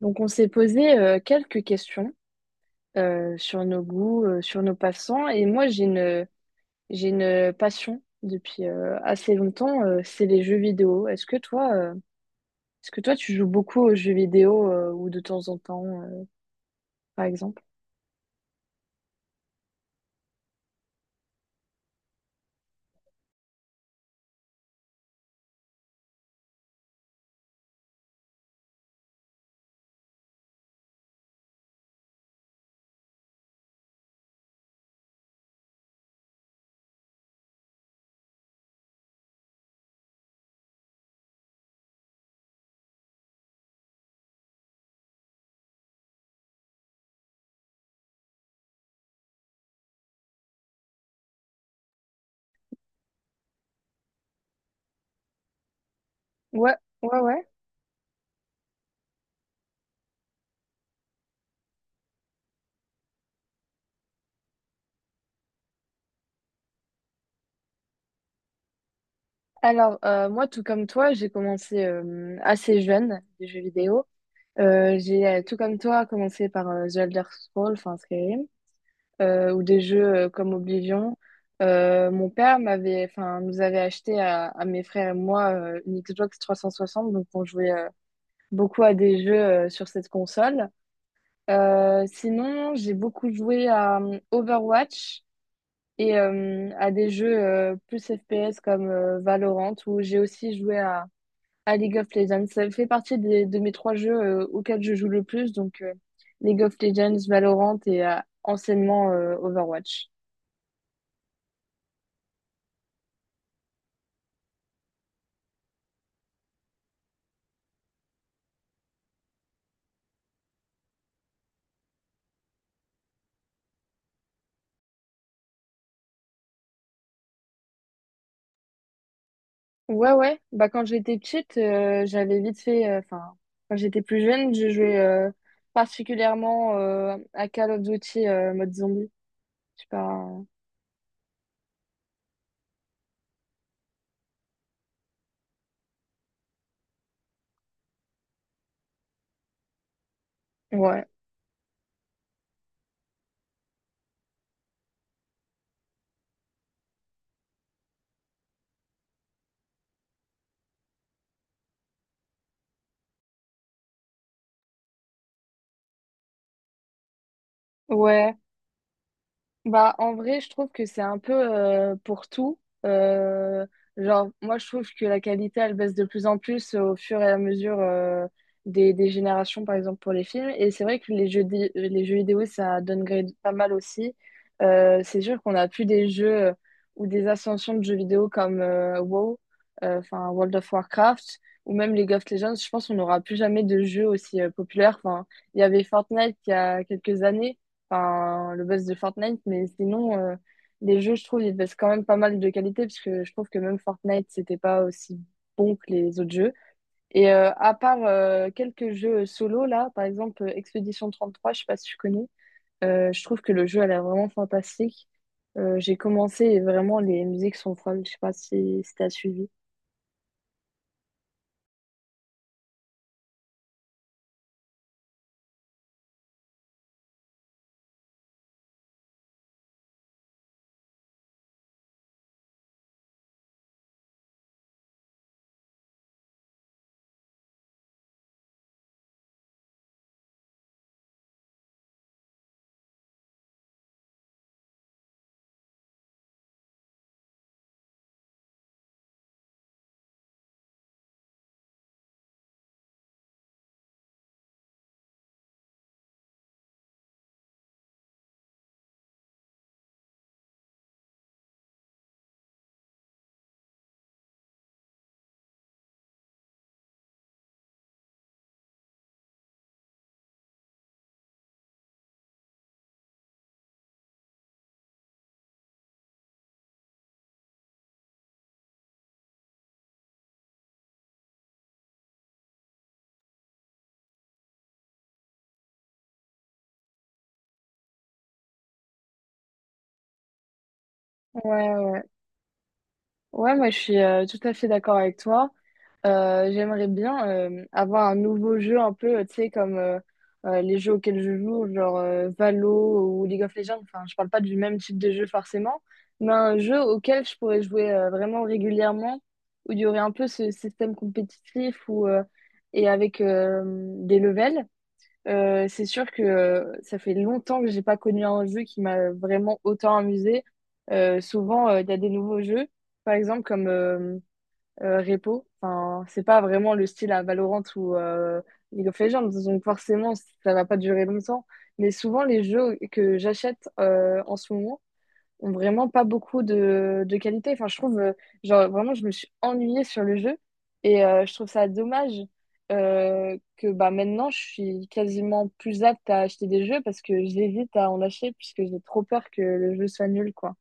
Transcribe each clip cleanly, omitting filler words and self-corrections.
Donc, on s'est posé quelques questions sur nos goûts, sur nos passants. Et moi, j'ai une passion depuis assez longtemps, c'est les jeux vidéo. Est-ce que toi, tu joues beaucoup aux jeux vidéo ou de temps en temps, par exemple? Ouais, ouais, ouais. Alors, moi, tout comme toi, j'ai commencé assez jeune les jeux vidéo. J'ai, tout comme toi, commencé par The Elder Scrolls, enfin Skyrim. Ou des jeux comme Oblivion. Mon père m'avait, enfin, nous avait acheté à mes frères et moi une Xbox 360, donc on jouait beaucoup à des jeux sur cette console. Sinon, j'ai beaucoup joué à Overwatch et à des jeux plus FPS comme Valorant, où j'ai aussi joué à League of Legends. Ça fait partie des, de mes trois jeux auxquels je joue le plus, donc League of Legends, Valorant et anciennement Overwatch. Ouais, ouais. Bah, quand j'étais petite, j'avais vite fait. Enfin, quand j'étais plus jeune, je jouais particulièrement à Call of Duty mode zombie. Je sais pas. Ouais. Ouais. Bah, en vrai, je trouve que c'est un peu pour tout. Euh, genre, moi, je trouve que la qualité, elle baisse de plus en plus au fur et à mesure des générations, par exemple, pour les films. Et c'est vrai que les jeux vidéo, ça downgrade pas mal aussi. C'est sûr qu'on n'a plus des jeux ou des ascensions de jeux vidéo comme WoW, enfin World of Warcraft, ou même League of Legends. Je pense qu'on n'aura plus jamais de jeux aussi populaires. Enfin, il y avait Fortnite il y a quelques années, enfin, le buzz de Fortnite, mais sinon, les jeux, je trouve, ils baissent quand même pas mal de qualité, parce que je trouve que même Fortnite, c'était pas aussi bon que les autres jeux. Et à part quelques jeux solo, là, par exemple, Expedition 33, je sais pas si tu connais, je trouve que le jeu a l'air vraiment fantastique. J'ai commencé et vraiment, les musiques sont folles, je sais pas si t'as suivi. Ouais, ouais. Ouais, moi, je suis tout à fait d'accord avec toi. J'aimerais bien avoir un nouveau jeu un peu, tu sais, comme les jeux auxquels je joue, genre Valo ou League of Legends. Enfin, je parle pas du même type de jeu forcément, mais un jeu auquel je pourrais jouer vraiment régulièrement, où il y aurait un peu ce système compétitif ou et avec des levels. C'est sûr que ça fait longtemps que j'ai pas connu un jeu qui m'a vraiment autant amusé. Souvent, il y a des nouveaux jeux, par exemple comme repo. Enfin, c'est pas vraiment le style à Valorant ou League of Legends, donc forcément, ça va pas durer longtemps. Mais souvent, les jeux que j'achète en ce moment ont vraiment pas beaucoup de qualité. Enfin, je trouve, genre, vraiment, je me suis ennuyée sur le jeu et je trouve ça dommage que bah, maintenant, je suis quasiment plus apte à acheter des jeux parce que j'hésite à en acheter puisque j'ai trop peur que le jeu soit nul, quoi.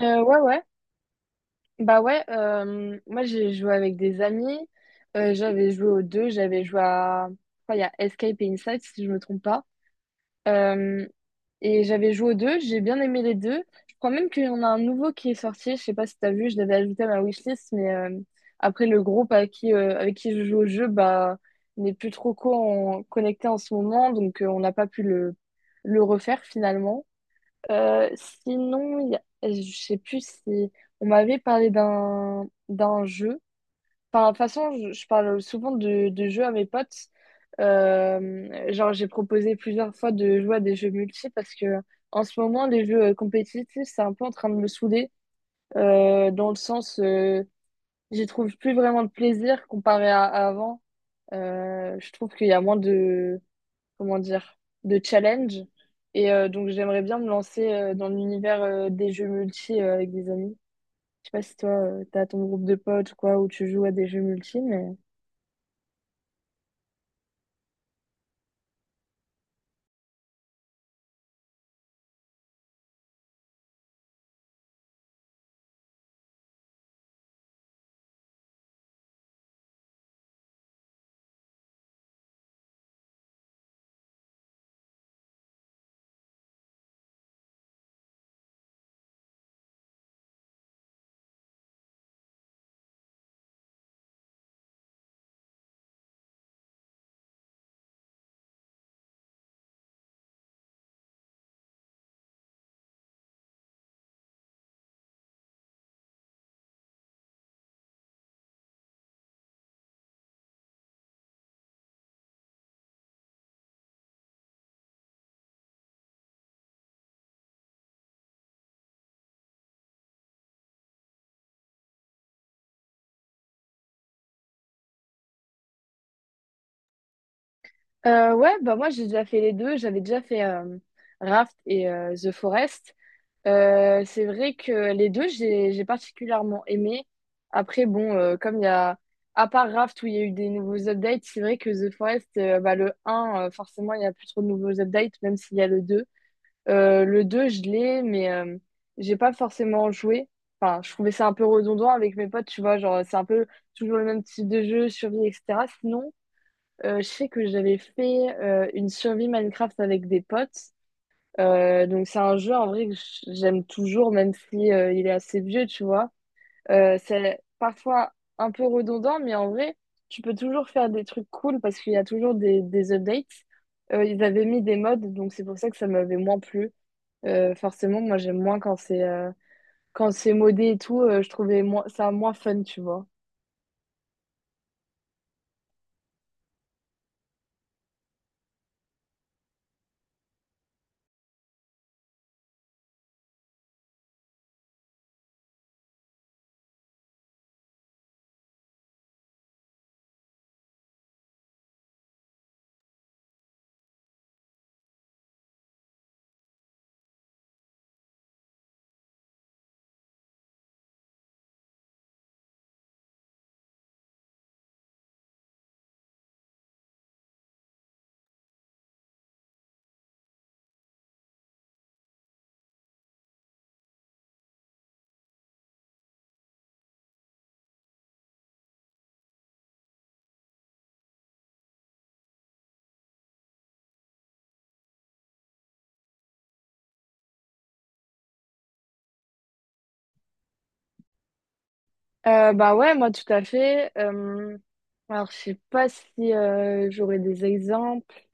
Ouais, ouais. Bah ouais, moi j'ai joué avec des amis. J'avais joué aux deux. Enfin, il y a Escape et Inside si je me trompe pas. Euh, et j'avais joué aux deux, j'ai bien aimé les deux. Je crois même qu'il y en a un nouveau qui est sorti, je sais pas si t'as vu, je l'avais ajouté à ma wishlist, mais après le groupe avec qui je joue au jeu, bah, n'est plus trop connecté en ce moment, donc on n'a pas pu le refaire finalement. Sinon, je sais plus si on m'avait parlé d'un jeu. Enfin, de toute façon, je parle souvent de jeux à mes potes. Genre, j'ai proposé plusieurs fois de jouer à des jeux multi parce que en ce moment, les jeux compétitifs, c'est un peu en train de me saouler dans le sens, j'y trouve plus vraiment de plaisir comparé à avant. Je trouve qu'il y a moins de comment dire, de challenge. Et donc, j'aimerais bien me lancer dans l'univers des jeux multi avec des amis. Je sais pas si toi, t'as ton groupe de potes ou quoi, où tu joues à des jeux multi. Ouais, bah moi, j'ai déjà fait les deux. J'avais déjà fait Raft et The Forest. C'est vrai que les deux, j'ai particulièrement aimé. Après, bon, comme il y a... À part Raft, où il y a eu des nouveaux updates, c'est vrai que The Forest, bah, le un forcément, il n'y a plus trop de nouveaux updates, même s'il y a le 2. Le 2 je l'ai, mais j'ai pas forcément joué. Enfin, je trouvais ça un peu redondant avec mes potes, tu vois, genre c'est un peu toujours le même type de jeu, survie, etc. Sinon, je sais que j'avais fait une survie Minecraft avec des potes. Donc c'est un jeu en vrai que j'aime toujours, même si il est assez vieux, tu vois. C'est parfois un peu redondant, mais en vrai, tu peux toujours faire des trucs cool parce qu'il y a toujours des updates. Ils avaient mis des mods, donc c'est pour ça que ça m'avait moins plu. Forcément, moi j'aime moins quand c'est modé et tout, je trouvais moins, ça moins fun, tu vois. Bah ouais, moi tout à fait. Alors je sais pas si j'aurais des exemples.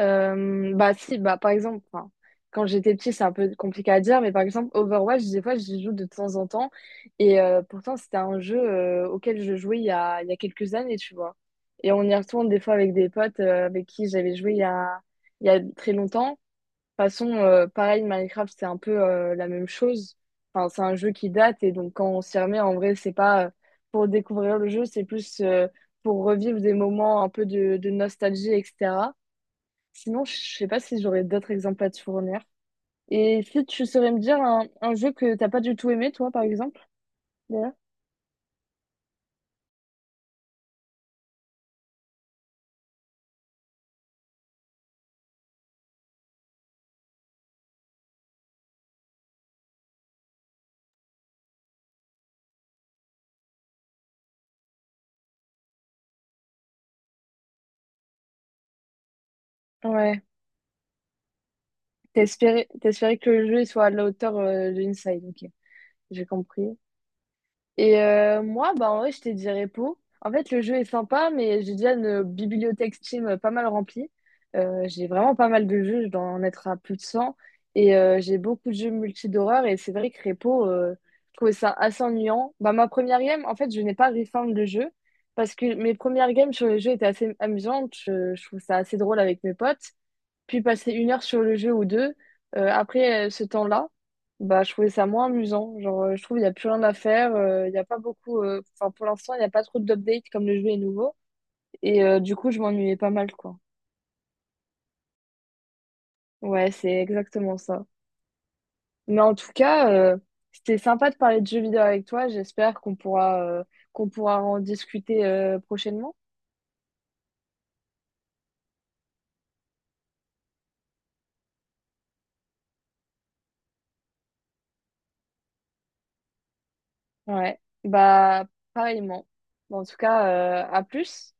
Bah si, bah par exemple, enfin, quand j'étais petite, c'est un peu compliqué à dire, mais par exemple Overwatch, des fois j'y joue de temps en temps, et pourtant c'était un jeu auquel je jouais il y a quelques années, tu vois. Et on y retourne des fois avec des potes avec qui j'avais joué il y a très longtemps. De toute façon, pareil, Minecraft, c'est un peu la même chose. Enfin, c'est un jeu qui date et donc quand on s'y remet, en vrai, c'est pas pour découvrir le jeu, c'est plus pour revivre des moments un peu de nostalgie, etc. Sinon, je sais pas si j'aurais d'autres exemples à te fournir. Et si tu saurais me dire un jeu que t'as pas du tout aimé, toi, par exemple, d'ailleurs? Ouais. T'espérais que le jeu il soit à la hauteur de Inside, ok. J'ai compris. Et moi, bah, en vrai, je j'étais dirépo. En fait, le jeu est sympa, mais j'ai déjà une bibliothèque Steam, pas mal remplie. J'ai vraiment pas mal de jeux, je dois en être à plus de 100 et j'ai beaucoup de jeux multi d'horreur et c'est vrai que repo je trouvais ça assez ennuyant. Bah, ma première game, en fait, je n'ai pas refarm le jeu parce que mes premières games sur le jeu étaient assez amusantes. Je trouve ça assez drôle avec mes potes puis passer une heure sur le jeu ou deux. Après ce temps-là, bah, je trouvais ça moins amusant. Genre, je trouve qu'il n'y a plus rien à faire. Il n'y a pas beaucoup. Enfin, pour l'instant, il n'y a pas trop d'updates comme le jeu est nouveau. Et du coup, je m'ennuyais pas mal, quoi. Ouais, c'est exactement ça. Mais en tout cas, c'était sympa de parler de jeux vidéo avec toi. J'espère qu'on pourra en discuter prochainement. Ouais, bah, pareillement. Bon, en tout cas, à plus.